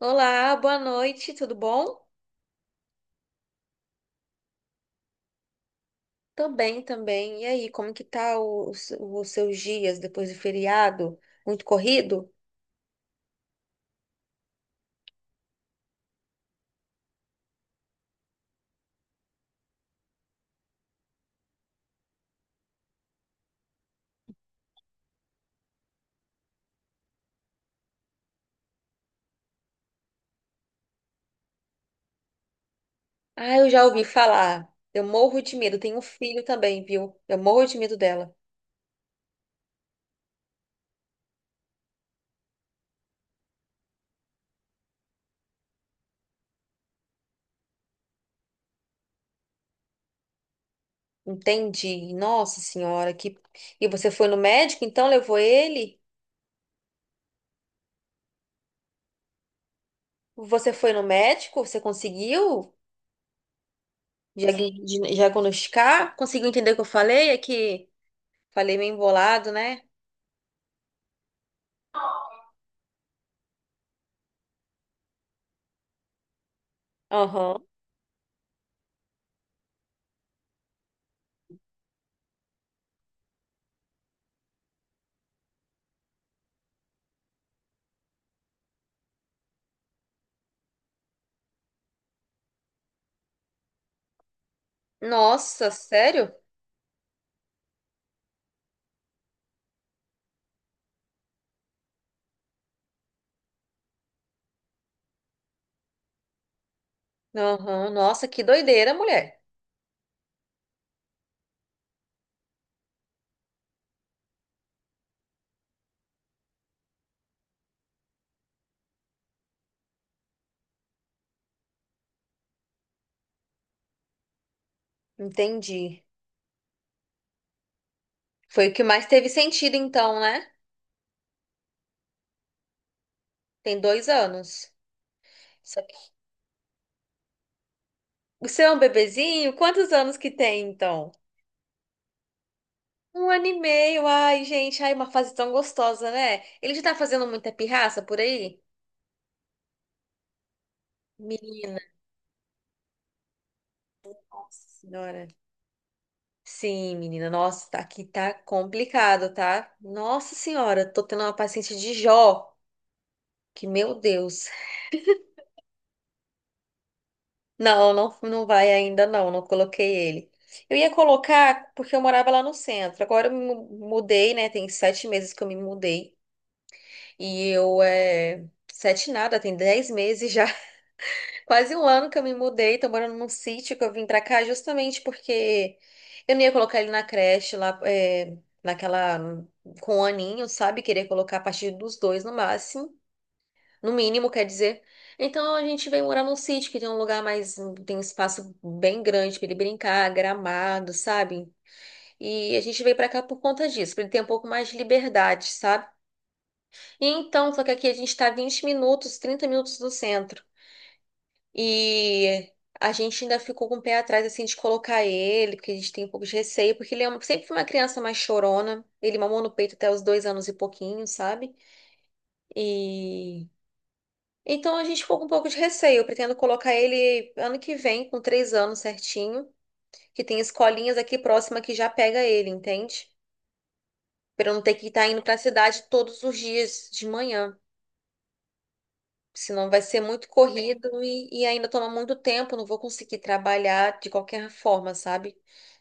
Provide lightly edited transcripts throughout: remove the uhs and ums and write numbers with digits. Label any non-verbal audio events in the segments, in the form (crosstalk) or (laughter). Olá, boa noite, tudo bom? Também, também. E aí, como que tá os seus dias depois do feriado? Muito corrido? Ah, eu já ouvi falar. Eu morro de medo. Tenho um filho também, viu? Eu morro de medo dela. Entendi. Nossa senhora. E você foi no médico, então levou ele? Você foi no médico? Você conseguiu diagn- diagnosticar? Conseguiu entender o que eu falei? É que falei meio embolado, né? Aham. Nossa, sério? Aham. Nossa, que doideira, mulher. Entendi. Foi o que mais teve sentido, então, né? Tem 2 anos. Isso aqui- O seu é um bebezinho? Quantos anos que tem, então? 1 ano e meio. Ai, gente, ai, uma fase tão gostosa, né? Ele já tá fazendo muita pirraça por aí? Menina, nossa senhora. Sim, menina, nossa, aqui tá complicado, tá? Nossa senhora, tô tendo uma paciente de Jó, que meu Deus. Não, não, não vai ainda não, não coloquei ele. Eu ia colocar porque eu morava lá no centro. Agora eu me mudei, né? Tem 7 meses que eu me mudei. E eu é. Sete nada, tem 10 meses já. (laughs) Quase um ano que eu me mudei. Tô morando num sítio que eu vim pra cá justamente porque eu não ia colocar ele na creche lá, naquela. Com o aninho, sabe? Queria colocar a partir dos dois no máximo. No mínimo, quer dizer. Então a gente veio morar num sítio que tem um lugar mais, tem um espaço bem grande para ele brincar, gramado, sabe? E a gente veio para cá por conta disso, para ele ter um pouco mais de liberdade, sabe? E então, só que aqui a gente tá 20 minutos, 30 minutos do centro. E a gente ainda ficou com o pé atrás assim de colocar ele, porque a gente tem um pouco de receio, porque ele sempre foi uma criança mais chorona. Ele mamou no peito até os 2 anos e pouquinho, sabe? E então a gente ficou com um pouco de receio. Eu pretendo colocar ele ano que vem, com 3 anos certinho, que tem escolinhas aqui próxima que já pega ele, entende? Para eu não ter que estar indo para a cidade todos os dias de manhã. Senão vai ser muito corrido e ainda toma muito tempo, não vou conseguir trabalhar de qualquer forma, sabe?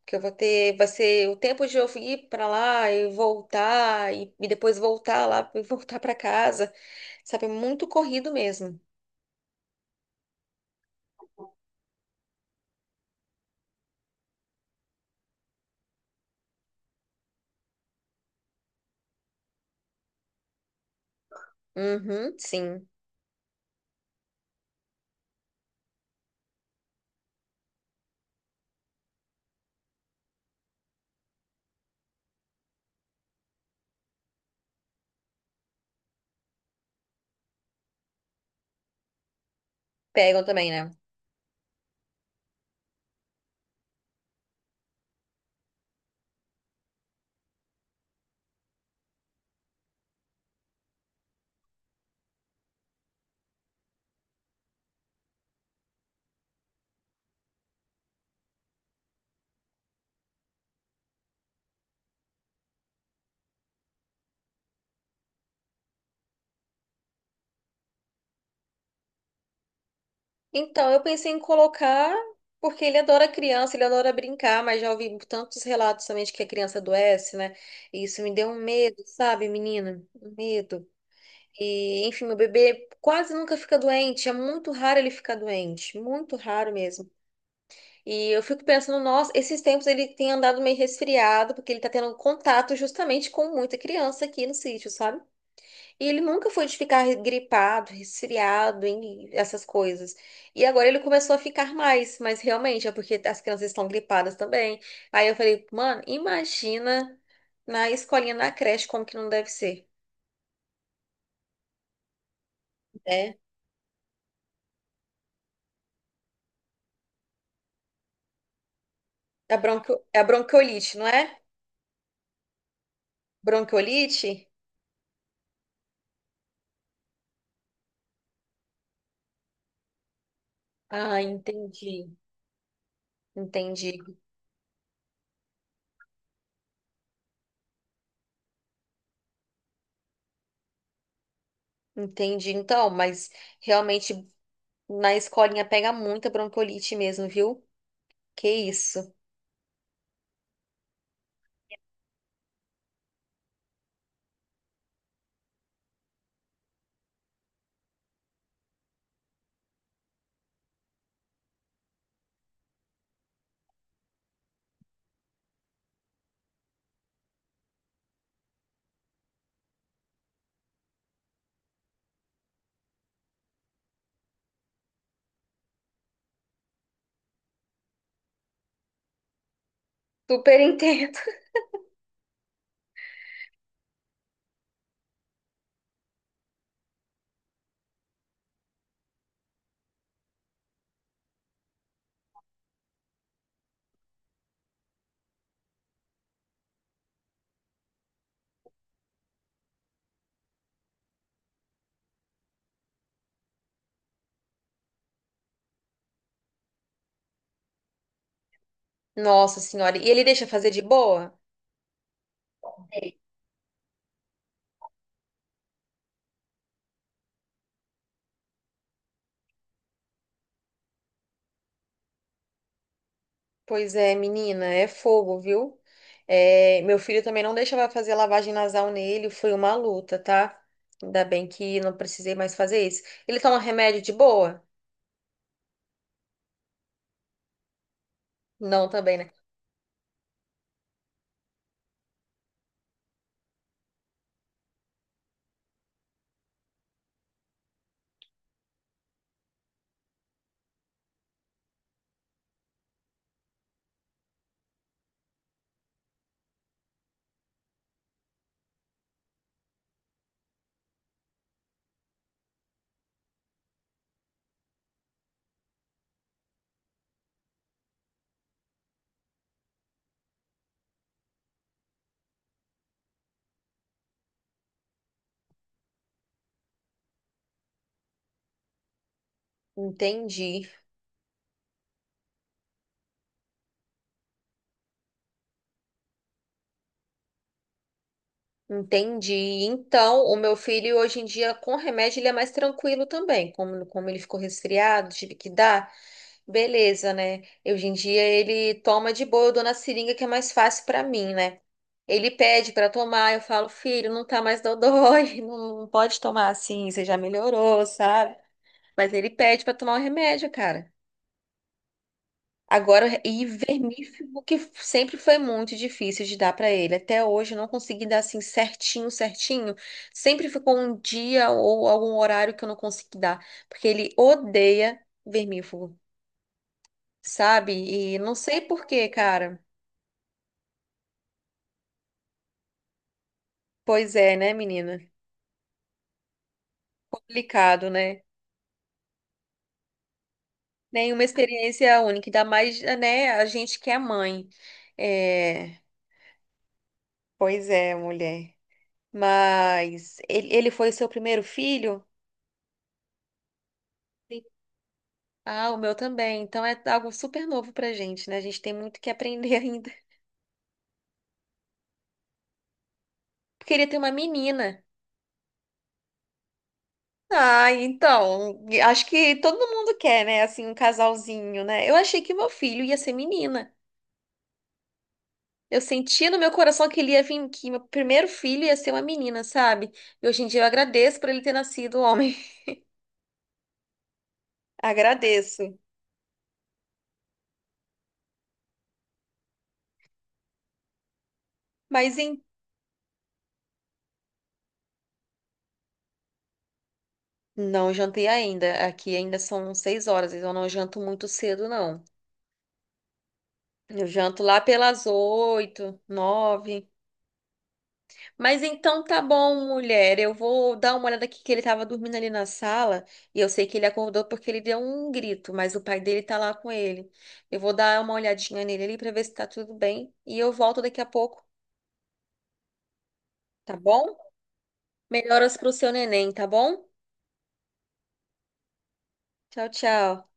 Porque eu vou ter, vai ser o tempo de eu ir para lá e voltar e depois voltar lá e voltar para casa, sabe? É muito corrido mesmo. Uhum, sim. Pegam também, né? Então, eu pensei em colocar, porque ele adora criança, ele adora brincar, mas já ouvi tantos relatos também de que a criança adoece, né? E isso me deu um medo, sabe, menina? Um medo. E, enfim, meu bebê quase nunca fica doente, é muito raro ele ficar doente, muito raro mesmo. E eu fico pensando, nossa, esses tempos ele tem andado meio resfriado, porque ele tá tendo contato justamente com muita criança aqui no sítio, sabe? E ele nunca foi de ficar gripado, resfriado, em essas coisas. E agora ele começou a ficar mais, mas realmente é porque as crianças estão gripadas também. Aí eu falei, mano, imagina na escolinha, na creche, como que não deve ser, né? É a bronquiolite, não é? Bronquiolite? Ah, entendi. Entendi, entendi. Então, mas realmente na escolinha pega muita bronquiolite mesmo, viu? Que isso. Super (laughs) entendo. Nossa senhora, e ele deixa fazer de boa? Sei. Pois é, menina, é fogo, viu? É, meu filho também não deixava fazer lavagem nasal nele, foi uma luta, tá? Ainda bem que não precisei mais fazer isso. Ele toma remédio de boa? Não, também, né? Entendi, entendi. Então, o meu filho hoje em dia, com remédio, ele é mais tranquilo também. Como ele ficou resfriado, tive que dar. Beleza, né? Hoje em dia ele toma de boa, eu dou na seringa que é mais fácil pra mim, né? Ele pede pra tomar, eu falo, filho, não tá mais dodói, (laughs) não pode tomar assim, você já melhorou, sabe? Mas ele pede pra tomar o remédio, cara. Agora, ivermífugo, que sempre foi muito difícil de dar pra ele. Até hoje eu não consegui dar assim certinho, certinho. Sempre ficou um dia ou algum horário que eu não consegui dar, porque ele odeia vermífugo, sabe? E não sei por quê, cara. Pois é, né, menina? Complicado, né? Nenhuma experiência única, ainda mais, né, a gente que é mãe. É, pois é, mulher. Mas ele foi o seu primeiro filho? Sim. Ah, o meu também. Então é algo super novo pra gente, né? A gente tem muito que aprender (laughs) ainda. Eu queria ter uma menina. Ah, então, acho que todo mundo quer, né? Assim, um casalzinho, né? Eu achei que meu filho ia ser menina. Eu sentia no meu coração que ele ia vir, que meu primeiro filho ia ser uma menina, sabe? E hoje em dia eu agradeço por ele ter nascido um homem. (laughs) Agradeço. Mas em... não jantei ainda. Aqui ainda são 6 horas, então eu não janto muito cedo, não. Eu janto lá pelas 8, 9. Mas então tá bom, mulher. Eu vou dar uma olhada aqui que ele tava dormindo ali na sala. E eu sei que ele acordou porque ele deu um grito, mas o pai dele tá lá com ele. Eu vou dar uma olhadinha nele ali pra ver se tá tudo bem. E eu volto daqui a pouco. Tá bom? Melhoras pro seu neném, tá bom? Tchau, tchau.